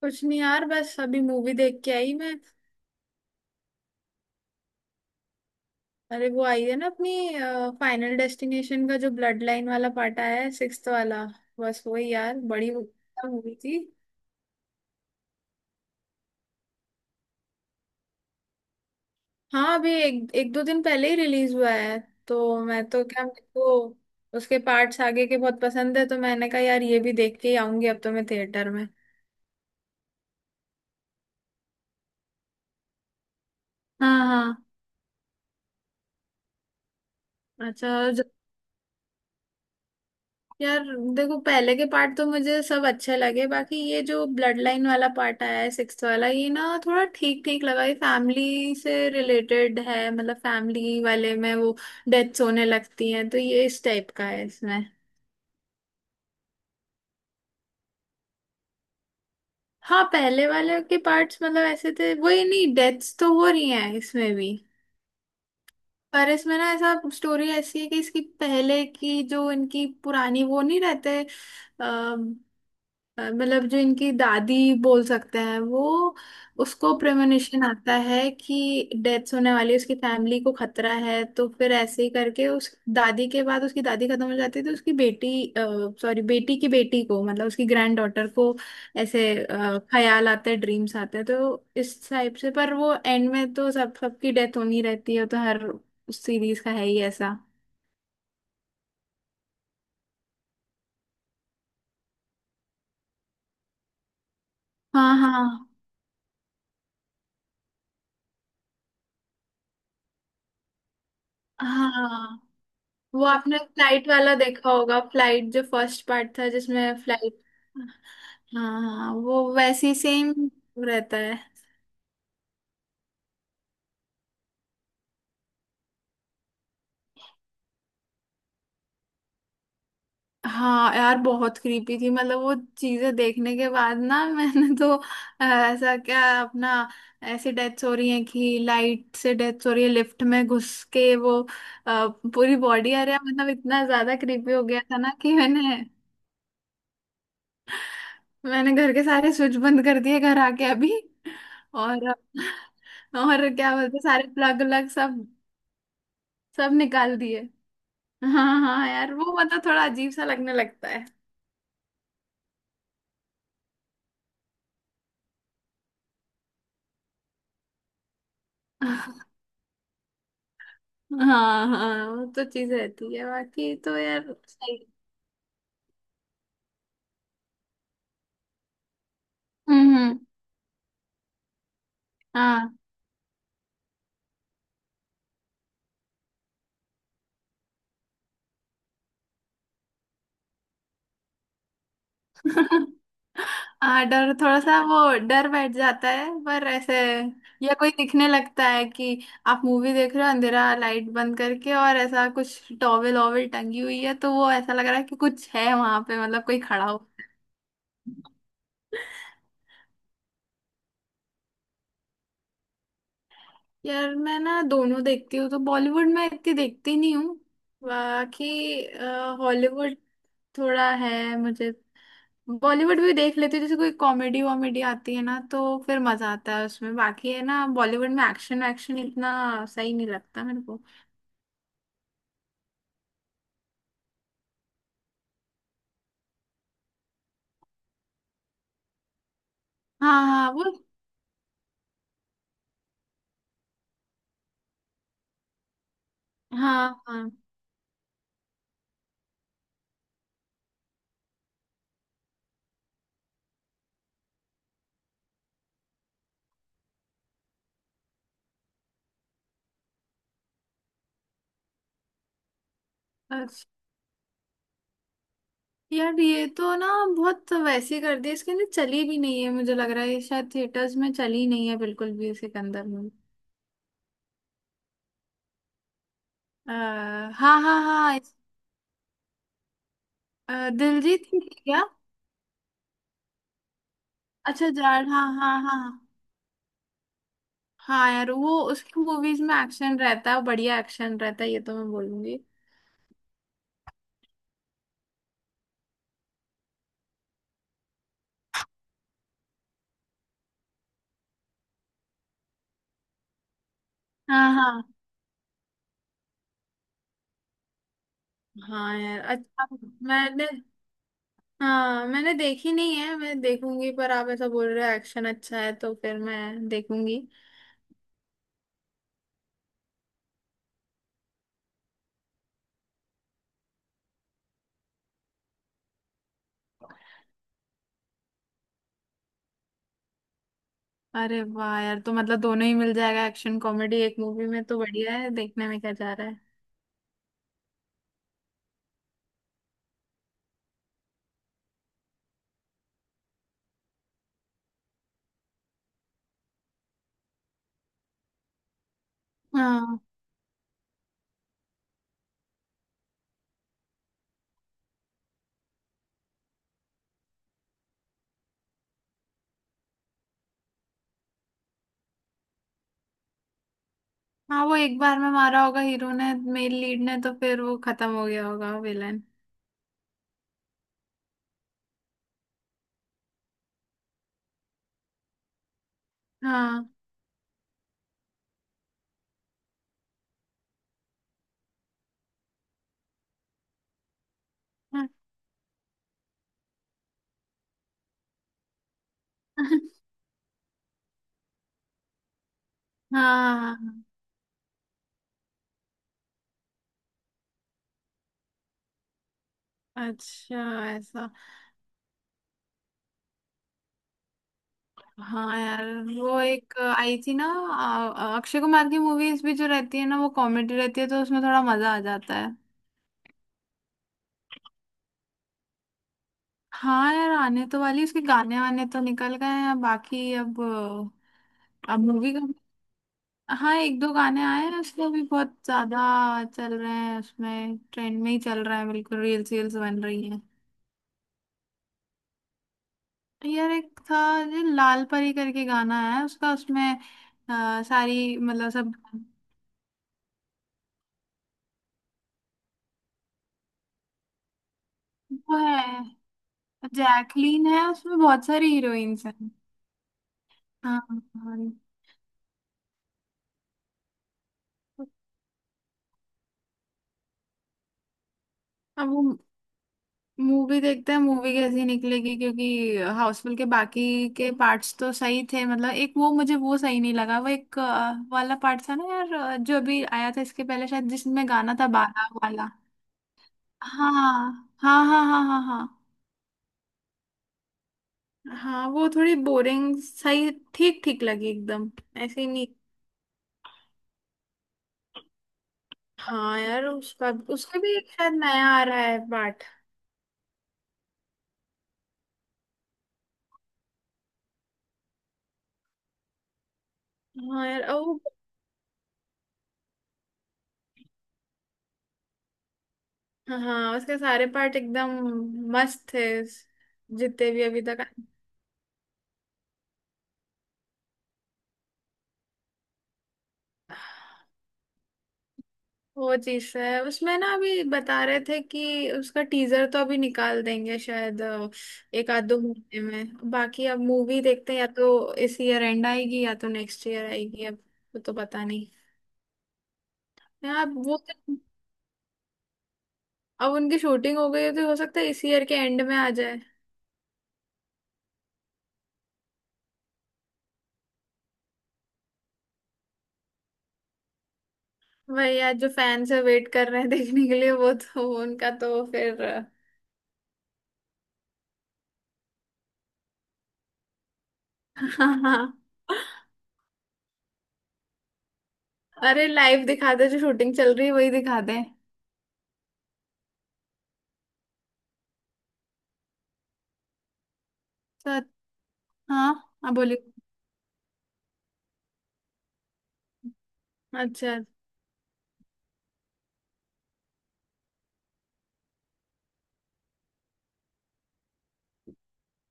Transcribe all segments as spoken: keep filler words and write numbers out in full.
कुछ नहीं यार, बस अभी मूवी देख के आई मैं। अरे, वो आई है ना अपनी फाइनल डेस्टिनेशन का जो ब्लड लाइन वाला पार्ट आया है, सिक्स्थ वाला। बस वही यार, बड़ी मूवी थी। हाँ, अभी एक एक दो दिन पहले ही रिलीज हुआ है। तो मैं तो, क्या मेरे को उसके पार्ट्स आगे के बहुत पसंद है, तो मैंने कहा यार ये भी देख के ही आऊंगी अब तो मैं थिएटर में। हाँ हाँ। अच्छा यार, देखो पहले के पार्ट तो मुझे सब अच्छे लगे, बाकी ये जो ब्लड लाइन वाला पार्ट आया है सिक्स्थ वाला, ये ना थोड़ा ठीक ठीक लगा। ये फैमिली से रिलेटेड है, मतलब फैमिली वाले में वो डेथ्स होने लगती हैं, तो ये इस टाइप का है इसमें। हाँ, पहले वाले के पार्ट्स मतलब ऐसे थे, वही नहीं, डेथ्स तो हो रही हैं इसमें भी। पर इसमें ना ऐसा स्टोरी ऐसी है कि इसकी पहले की जो इनकी पुरानी वो नहीं रहते। अ, मतलब जो इनकी दादी बोल सकते हैं वो, उसको प्रेमोनिशन आता है कि डेथ होने वाली है, उसकी फैमिली को खतरा है। तो फिर ऐसे ही करके उस दादी के बाद उसकी दादी खत्म हो जाती है, तो उसकी बेटी, सॉरी, बेटी की बेटी को मतलब उसकी ग्रैंड डॉटर को ऐसे अ, ख्याल आते हैं, ड्रीम्स आते हैं, तो इस टाइप से। पर वो एंड में तो सब सबकी डेथ होनी रहती है, तो हर सीरीज का है ही ऐसा। हाँ हाँ हाँ। वो आपने फ्लाइट वाला देखा होगा, फ्लाइट जो फर्स्ट पार्ट था जिसमें फ्लाइट। हाँ हाँ, वो वैसी सेम रहता है। हाँ यार, बहुत क्रीपी थी, मतलब वो चीजें देखने के बाद ना मैंने तो अ, ऐसा क्या अपना, ऐसे डेथ्स हो रही हैं कि लाइट से डेथ्स हो रही है, लिफ्ट में घुस के वो अ, पूरी बॉडी, अरे मतलब इतना ज्यादा क्रीपी हो गया था ना कि मैंने, मैंने घर के सारे स्विच बंद कर दिए घर आके अभी। और और क्या बोलते, सारे प्लग व्लग सब, सब निकाल दिए। हाँ हाँ यार, वो मतलब थोड़ा अजीब सा लगने लगता है। हाँ हाँ, वो तो चीज रहती है, बाकी तो यार सही। हम्म हम्म। हाँ। हाँ, डर थोड़ा सा वो, डर बैठ जाता है। पर ऐसे या कोई दिखने लगता है कि आप मूवी देख रहे हो अंधेरा, लाइट बंद करके, और ऐसा कुछ टॉवेल ओवेल टंगी हुई है, तो वो ऐसा लग रहा है कि कुछ है वहां पे, मतलब कोई खड़ा हो। यार मैं ना दोनों देखती हूँ, तो बॉलीवुड में इतनी देखती नहीं हूँ, बाकी हॉलीवुड थोड़ा है मुझे। बॉलीवुड भी देख लेती हूँ, जैसे कोई कॉमेडी वॉमेडी आती है ना तो फिर मजा आता है उसमें, बाकी है ना बॉलीवुड में एक्शन, एक्शन इतना सही नहीं लगता मेरे को। हाँ हाँ वो। हाँ हाँ। अच्छा यार, ये तो ना बहुत वैसी कर दी, इसके अंदर चली भी नहीं है, मुझे लग रहा है ये शायद थिएटर्स में चली नहीं है बिल्कुल भी, सिकंदर। में आ, हाँ हाँ हाँ, इस- अ, दिलजीत की थी क्या? अच्छा, जाट, हाँ हाँ हाँ। हाँ यार, वो उसकी मूवीज में एक्शन रहता है, बढ़िया एक्शन रहता है, ये तो मैं बोलूंगी। हाँ हाँ। हाँ यार, अच्छा। मैंने, हाँ मैंने देखी नहीं है, मैं देखूंगी, पर आप ऐसा बोल रहे हो एक्शन अच्छा है तो फिर मैं देखूंगी। अरे वाह यार, तो मतलब दोनों ही मिल जाएगा, एक्शन कॉमेडी एक मूवी में, तो बढ़िया है, देखने में क्या जा रहा है। हाँ हाँ। वो एक बार में मारा होगा हीरो ने, मेन लीड ने, तो फिर वो खत्म हो गया होगा विलन। हाँ हाँ। हाँ, अच्छा, ऐसा। हाँ यार, वो एक आई थी ना अ- अक्षय कुमार की मूवीज भी जो रहती है ना वो कॉमेडी रहती है, तो उसमें थोड़ा मजा आ जाता है। हाँ यार, आने तो वाली, उसके गाने वाने तो निकल गए हैं, बाकी अब अब मूवी का। हाँ, एक दो गाने आए हैं उसके, अभी बहुत ज्यादा चल रहे हैं उसमें, ट्रेंड में ही चल रहा है बिल्कुल, रील्स वील्स बन रही हैं। तो यार एक था जो लाल परी करके गाना है उसका, उसमें अ, सारी, मतलब सब वो है, जैकलीन है, उसमें बहुत सारी हीरोइंस हैं। हाँ हाँ। अब वो मूवी देखते हैं, मूवी कैसी निकलेगी, क्योंकि हाउसफुल के बाकी के पार्ट्स तो सही थे। मतलब एक वो मुझे वो सही नहीं लगा, वो एक अ, वाला पार्ट था ना यार, अ, जो अभी आया था इसके पहले शायद जिसमें गाना था बाला वाला। हाँ हाँ हाँ हाँ हाँ हाँ। हाँ वो थोड़ी बोरिंग, सही ठीक ठीक लगी एकदम, ऐसे ही नहीं। हाँ यार, उसका उसका भी एक शायद नया आ रहा है पार्ट। हाँ यार, ओ हाँ, उसके सारे पार्ट एकदम मस्त थे, जितने भी अभी तक। वो चीज है उसमें ना, अभी बता रहे थे कि उसका टीजर तो अभी निकाल देंगे शायद, अ, एक आध दो महीने में। बाकी अब मूवी देखते हैं, या तो इस ईयर एंड आएगी या तो नेक्स्ट ईयर आएगी अब, वो तो पता नहीं। यार अब वो तो, अब उनकी शूटिंग हो गई है तो हो सकता है इस ईयर के एंड में आ जाए। वही यार, जो फैंस है वेट कर रहे हैं देखने के लिए, वो तो उनका तो फिर। अरे लाइव दिखाते जो शूटिंग चल रही है वही दिखाते हैं। सर, हाँ आप बोलिए। अच्छा।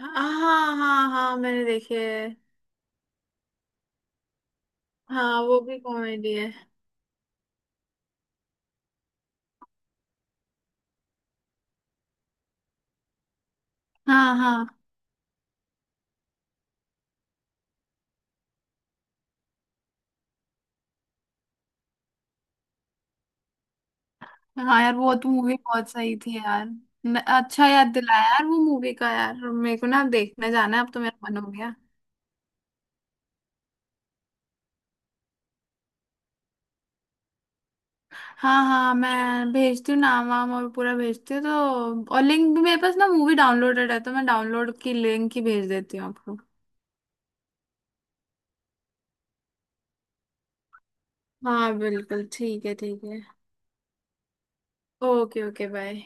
हाँ हाँ हाँ हाँ, मैंने देखे है। हाँ वो भी कॉमेडी है। हाँ हाँ हाँ, यार वो तो मूवी बहुत सही थी यार। न- अच्छा याद दिलाया यार वो मूवी का, यार मेरे को ना देखने जाना है, अब तो मेरा मन हो गया। हाँ हाँ, मैं भेजती हूँ नाम वाम और पूरा भेजती हूँ, तो और लिंक भी, मेरे पास ना मूवी डाउनलोडेड है तो मैं डाउनलोड की लिंक ही भेज देती हूँ आपको। हाँ बिल्कुल, ठीक है ठीक है। Okay okay bye.